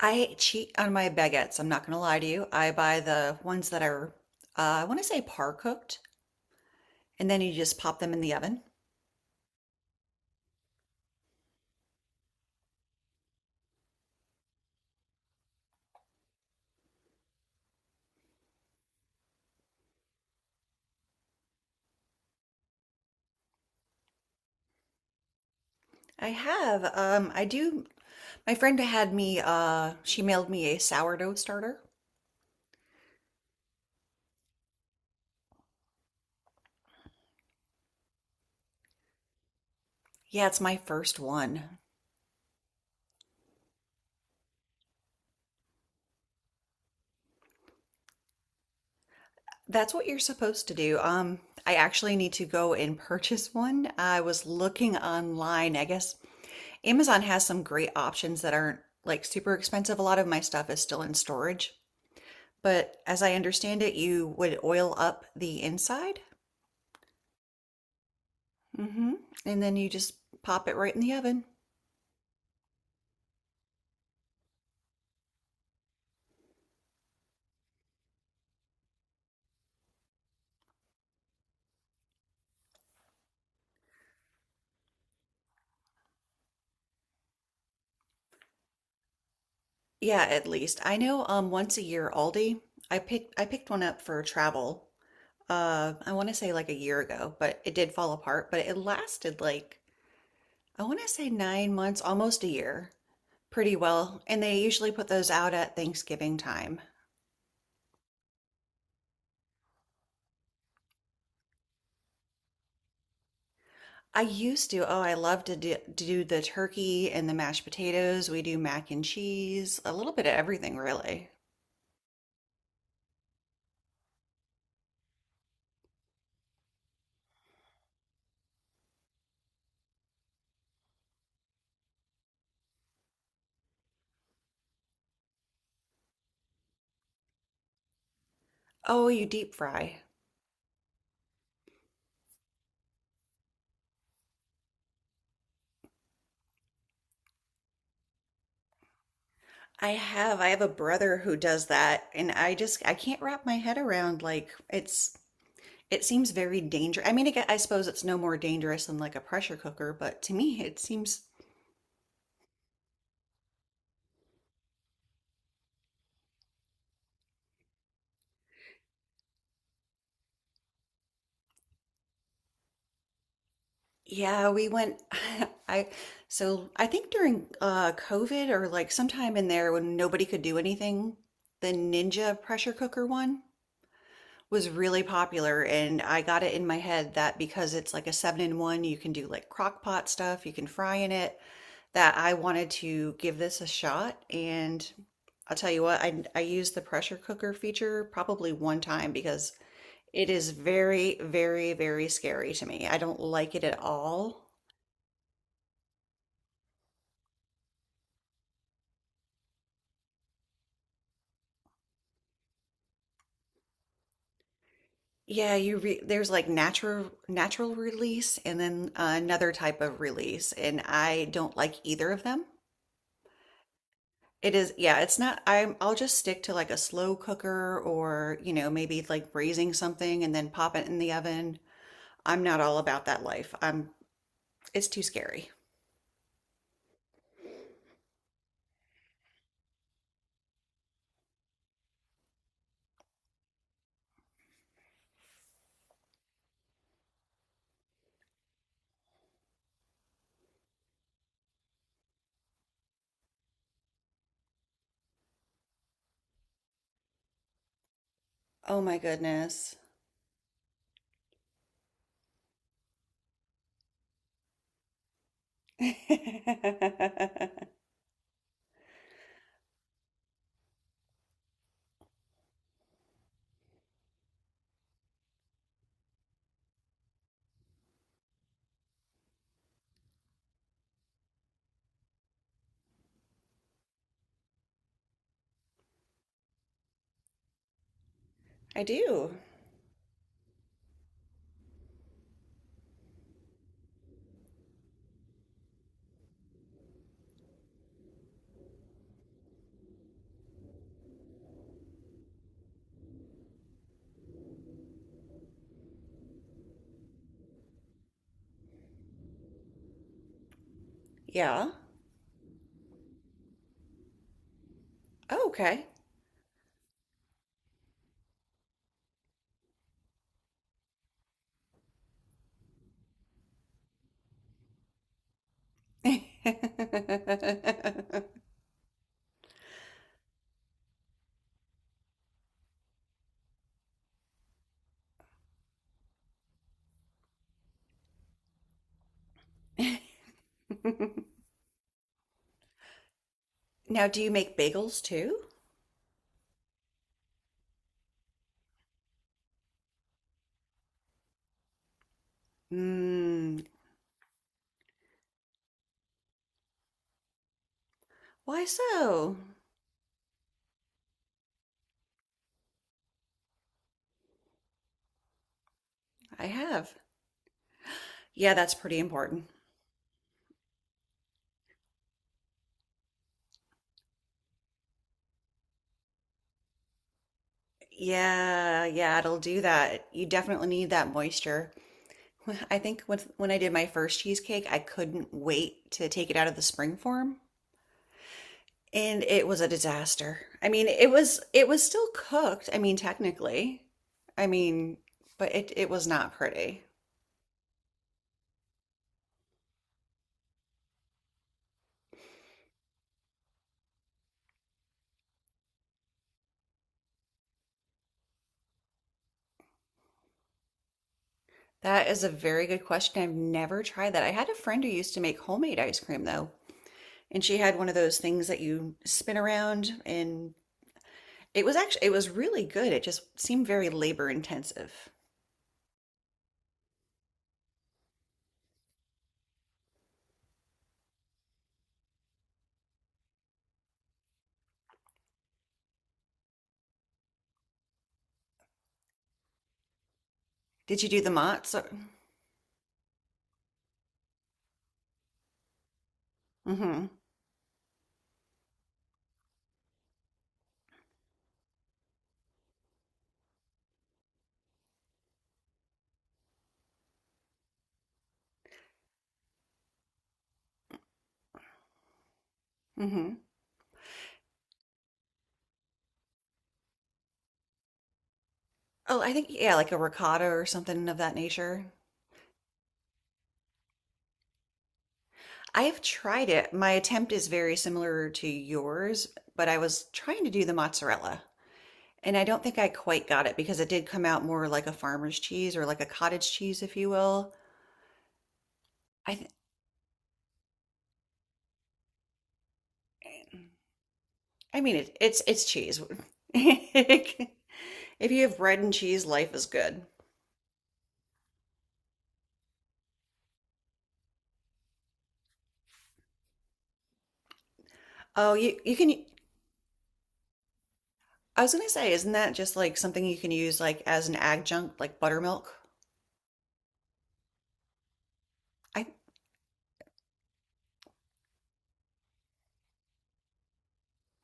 I cheat on my baguettes. I'm not gonna lie to you. I buy the ones that are, I want to say par cooked, and then you just pop them in the oven. I have, I do. My friend had me, she mailed me a sourdough starter. Yeah, it's my first one. That's what you're supposed to do. I actually need to go and purchase one. I was looking online. I guess Amazon has some great options that aren't like super expensive. A lot of my stuff is still in storage. But as I understand it, you would oil up the inside. Hmm. And then you just pop it right in the oven. Yeah, at least. I know once a year Aldi, I picked one up for travel. I want to say like a year ago, but it did fall apart, but it lasted like I want to say 9 months, almost a year, pretty well. And they usually put those out at Thanksgiving time. I used to. Oh, I love to do the turkey and the mashed potatoes. We do mac and cheese, a little bit of everything, really. Oh, you deep fry. I have. I have a brother who does that, and I can't wrap my head around like it seems very dangerous. I mean, I suppose it's no more dangerous than like a pressure cooker, but to me it seems yeah, we went I so I think during COVID or like sometime in there when nobody could do anything, the Ninja pressure cooker one was really popular and I got it in my head that because it's like a seven in one, you can do like crock pot stuff, you can fry in it, that I wanted to give this a shot. And I'll tell you what, I used the pressure cooker feature probably one time because it is very, very, very scary to me. I don't like it at all. Yeah, you re there's like natural release and then another type of release, and I don't like either of them. It is, yeah, it's not I'm I'll just stick to like a slow cooker or, you know, maybe like braising something and then pop it in the oven. I'm not all about that life. I'm It's too scary. Oh my goodness. I do. Yeah. Oh, okay. Now, do you make bagels too? Mmm. Why so? I have. Yeah, that's pretty important. Yeah, yeah, it'll do that. You definitely need that moisture. I think when I did my first cheesecake, I couldn't wait to take it out of the spring form, and it was a disaster. I mean, it was still cooked. I mean, technically. I mean, but it was not pretty. That is a very good question. I've never tried that. I had a friend who used to make homemade ice cream though, and she had one of those things that you spin around and it was actually it was really good. It just seemed very labor intensive. Did you do the Mott's? Mm-hmm. Mm-hmm. Oh, I think yeah, like a ricotta or something of that nature. I have tried it. My attempt is very similar to yours, but I was trying to do the mozzarella, and I don't think I quite got it because it did come out more like a farmer's cheese or like a cottage cheese, if you will. I th I mean it's cheese. If you have bread and cheese, life is good. Oh, you can. I was gonna say, isn't that just like something you can use like as an adjunct, like buttermilk? I.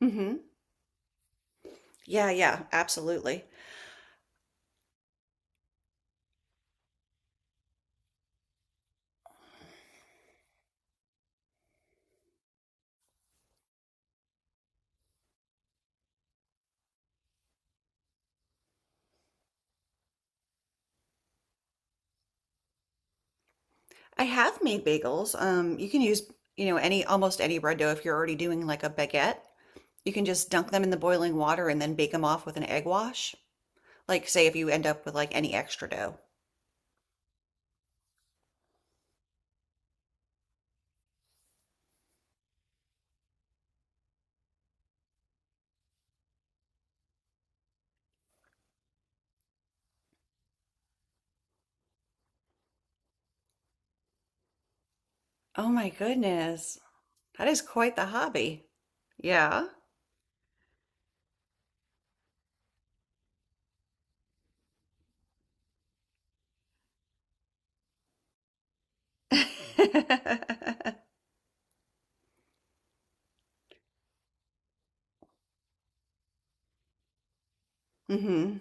Mhm. Yeah, yeah, absolutely. I have made bagels. You can use, you know, any almost any bread dough if you're already doing like a baguette. You can just dunk them in the boiling water and then bake them off with an egg wash. Like, say if you end up with like any extra dough. Oh my goodness. That is quite the hobby. Yeah. Hmm.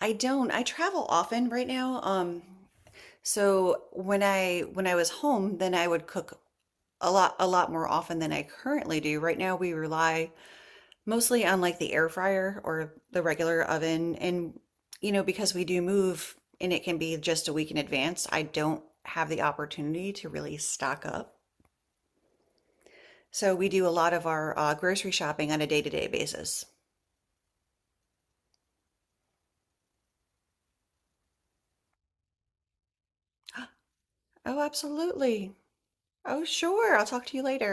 I don't. I travel often right now. So when I was home, then I would cook a lot more often than I currently do. Right now we rely mostly on like the air fryer or the regular oven and you know because we do move and it can be just a week in advance, I don't have the opportunity to really stock up. So we do a lot of our grocery shopping on a day-to-day basis. Oh, absolutely. Oh, sure. I'll talk to you later.